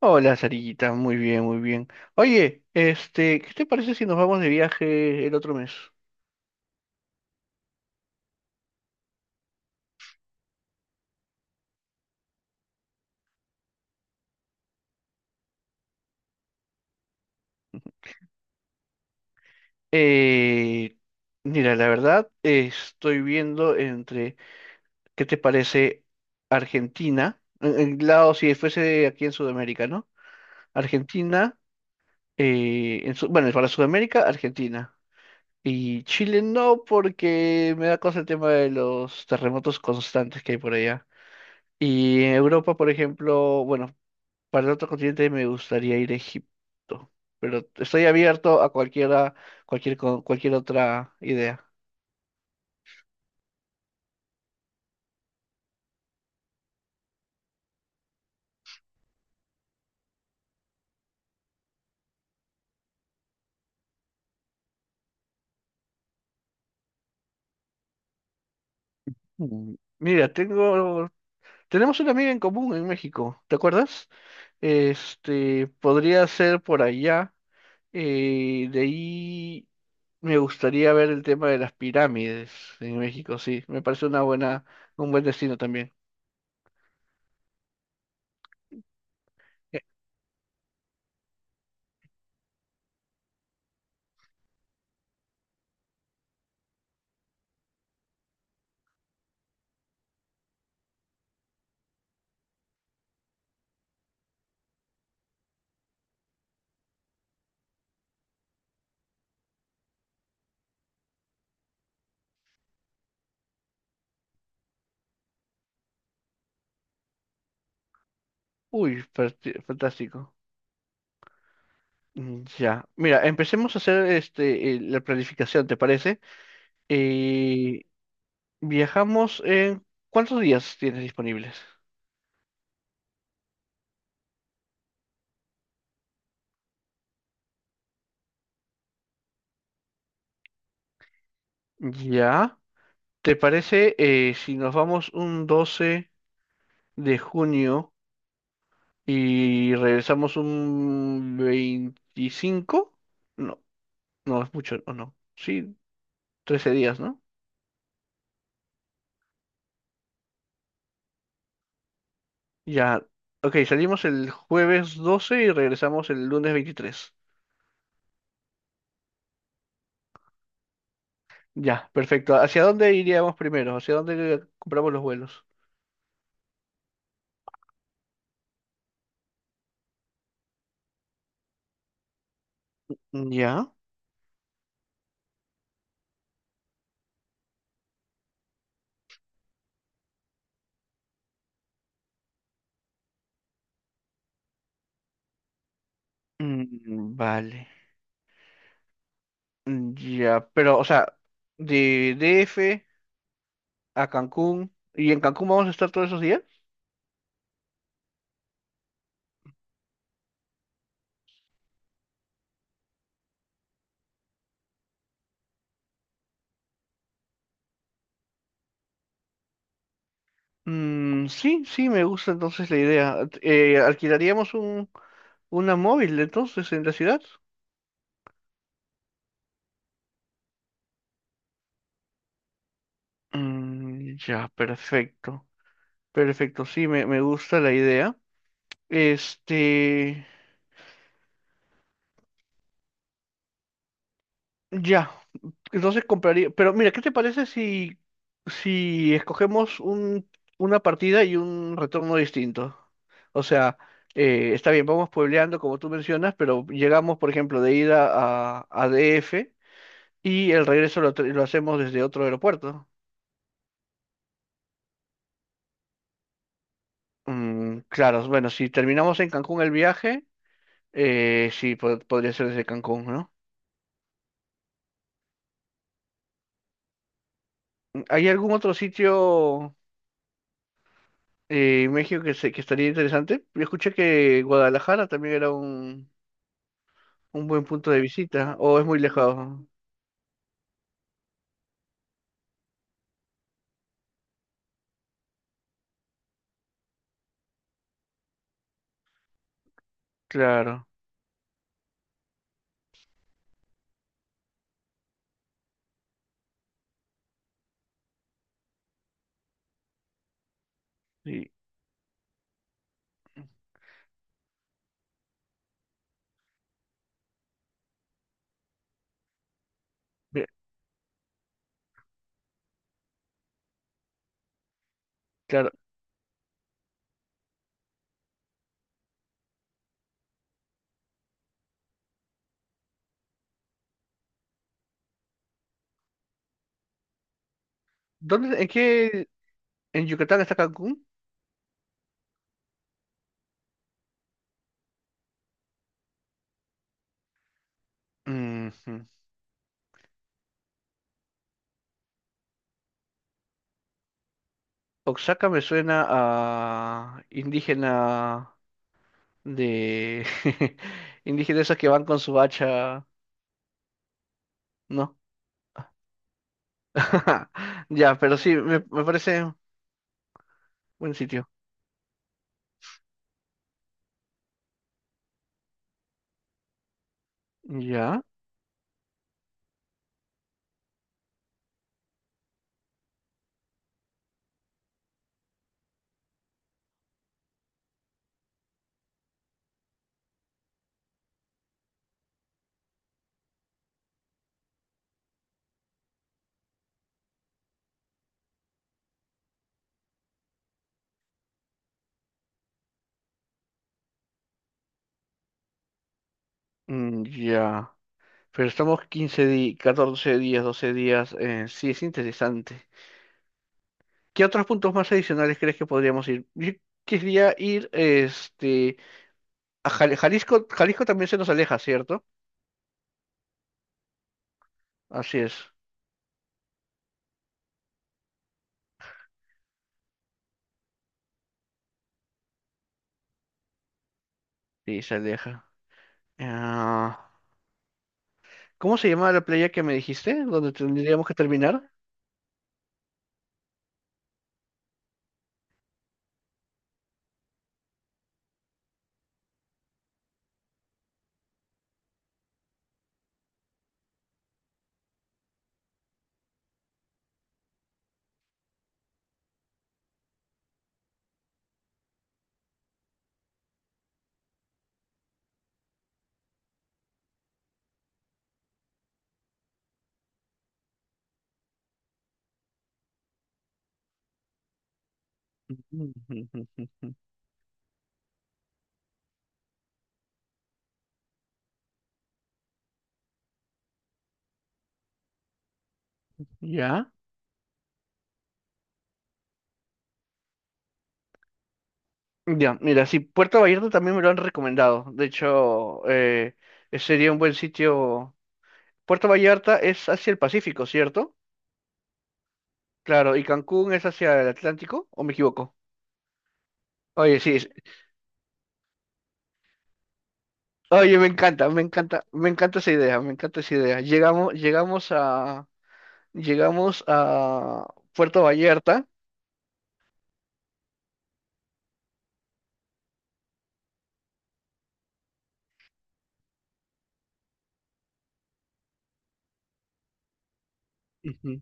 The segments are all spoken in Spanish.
Hola, Sarillita, muy bien, muy bien. Oye, este, ¿qué te parece si nos vamos de viaje el otro mes? Eh, Mira, la verdad, estoy viendo ¿qué te parece Argentina? En lado, si fuese aquí en Sudamérica, ¿no? Argentina, bueno, para Sudamérica, Argentina. Y Chile no, porque me da cosa el tema de los terremotos constantes que hay por allá. Y en Europa, por ejemplo, bueno. Para el otro continente me gustaría ir a Egipto, pero estoy abierto a cualquiera, cualquier otra idea. Mm, mira, tenemos una amiga en común en México, ¿te acuerdas? Este, podría ser por allá. De ahí me gustaría ver el tema de las pirámides en México. Sí, me parece una buena, un buen destino también. Eh, Uy, fantástico. Mm, ya, mira, empecemos a hacer este, la planificación, ¿te parece? Eh, viajamos en... ¿Cuántos días tienes disponibles? Ya. ¿Te parece si nos vamos un 12 de junio y regresamos un 25? No, no es mucho, ¿o no? Sí, 13 días, ¿no? Ya. Ok, salimos el jueves 12 y regresamos el lunes 23. Ya, perfecto. ¿Hacia dónde iríamos primero? ¿Hacia dónde compramos los vuelos? Ya. Mm, vale. Mm, ya, pero, o sea, de DF a Cancún, ¿y en Cancún vamos a estar todos esos días? Mm, sí, sí, me gusta entonces la idea. Eh, alquilaríamos un, una móvil entonces en la ciudad. Mm, ya, perfecto. Perfecto, sí, me gusta la idea. Este, ya, entonces compraría. Pero mira, ¿qué te parece si, si escogemos una partida y un retorno distinto? O sea, está bien, vamos puebleando como tú mencionas, pero llegamos, por ejemplo, de ida a DF y el regreso lo hacemos desde otro aeropuerto. Mm, claro, bueno, si terminamos en Cancún el viaje, podría ser desde Cancún, ¿no? ¿Hay algún otro sitio? Eh, México que estaría interesante. Yo escuché que Guadalajara también era un buen punto de visita, o es muy lejos. Claro, sí, ve- claro. ¿Dónde, en qué, en Yucatán está Cancún? Ujú. Oaxaca me suena a indígena de indígenas esos que van con su hacha, ¿no? Ya, pero sí, me parece buen sitio. Ya, mm, ya. Pero estamos 15 días, 14 días, 12 días. Eh, sí, es interesante. ¿Qué otros puntos más adicionales crees que podríamos ir? Yo quería ir este, a Jalisco. Jalisco también se nos aleja, ¿cierto? Así es. Sí, se aleja. Ah, ¿cómo se llamaba la playa que me dijiste, donde tendríamos que terminar? Ya. Ya, mira, sí, Puerto Vallarta también me lo han recomendado. De hecho, sería un buen sitio. Puerto Vallarta es hacia el Pacífico, ¿cierto? Claro, ¿y Cancún es hacia el Atlántico o me equivoco? Oye, sí, es- oye, me encanta, me encanta, me encanta esa idea, me encanta esa idea. Llegamos a Puerto Vallarta. Ujú,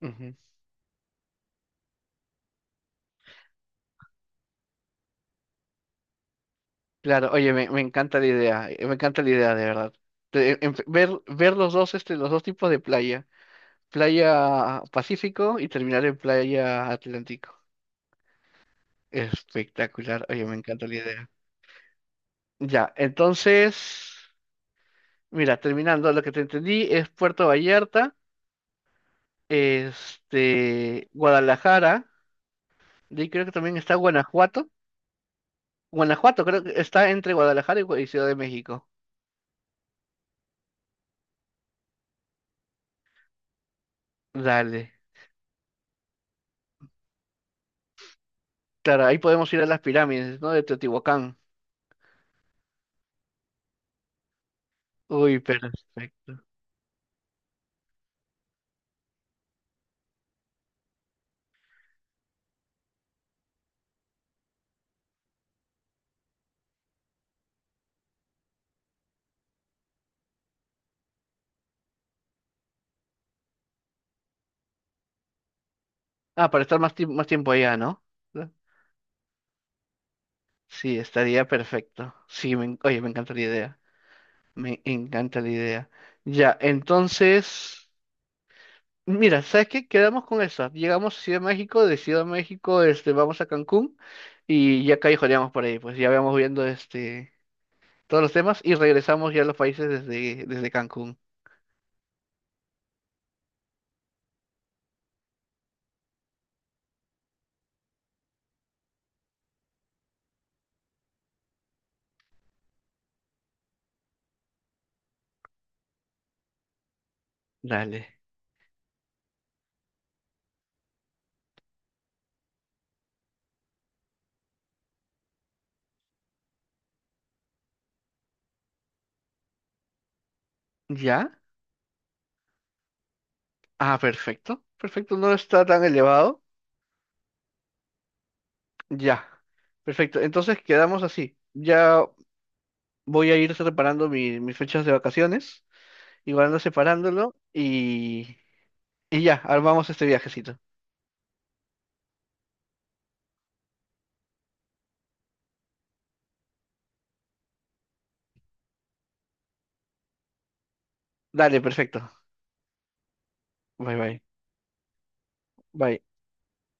ujú. Claro, oye, me encanta la idea, me encanta la idea, de verdad. Ver los dos, este, los dos tipos de playa, playa Pacífico y terminar en playa Atlántico. Espectacular, oye, me encanta la idea. Ya, entonces. Mira, terminando, lo que te entendí es Puerto Vallarta, este, Guadalajara, de ahí creo que también está Guanajuato. Guanajuato creo que está entre Guadalajara y Ciudad de México. Dale. Claro, ahí podemos ir a las pirámides, ¿no? De Teotihuacán. Uy, perfecto. Ah, para estar más tiempo allá, ¿no? ¿No? Sí, estaría perfecto. Sí, oye, me encanta la idea. Me encanta la idea. Ya, entonces. Mira, ¿sabes qué? Quedamos con esa. Llegamos a Ciudad de México, de Ciudad de México, este, vamos a Cancún y ya callejoneamos por ahí, pues ya vamos viendo este todos los temas y regresamos ya a los países desde Cancún. Dale. ¿Ya? Ah, perfecto. Perfecto, no está tan elevado. Ya. Perfecto. Entonces quedamos así. Ya voy a ir separando mis fechas de vacaciones, igual ando separándolo y ya, armamos este viajecito. Dale, perfecto. Bye bye. Bye.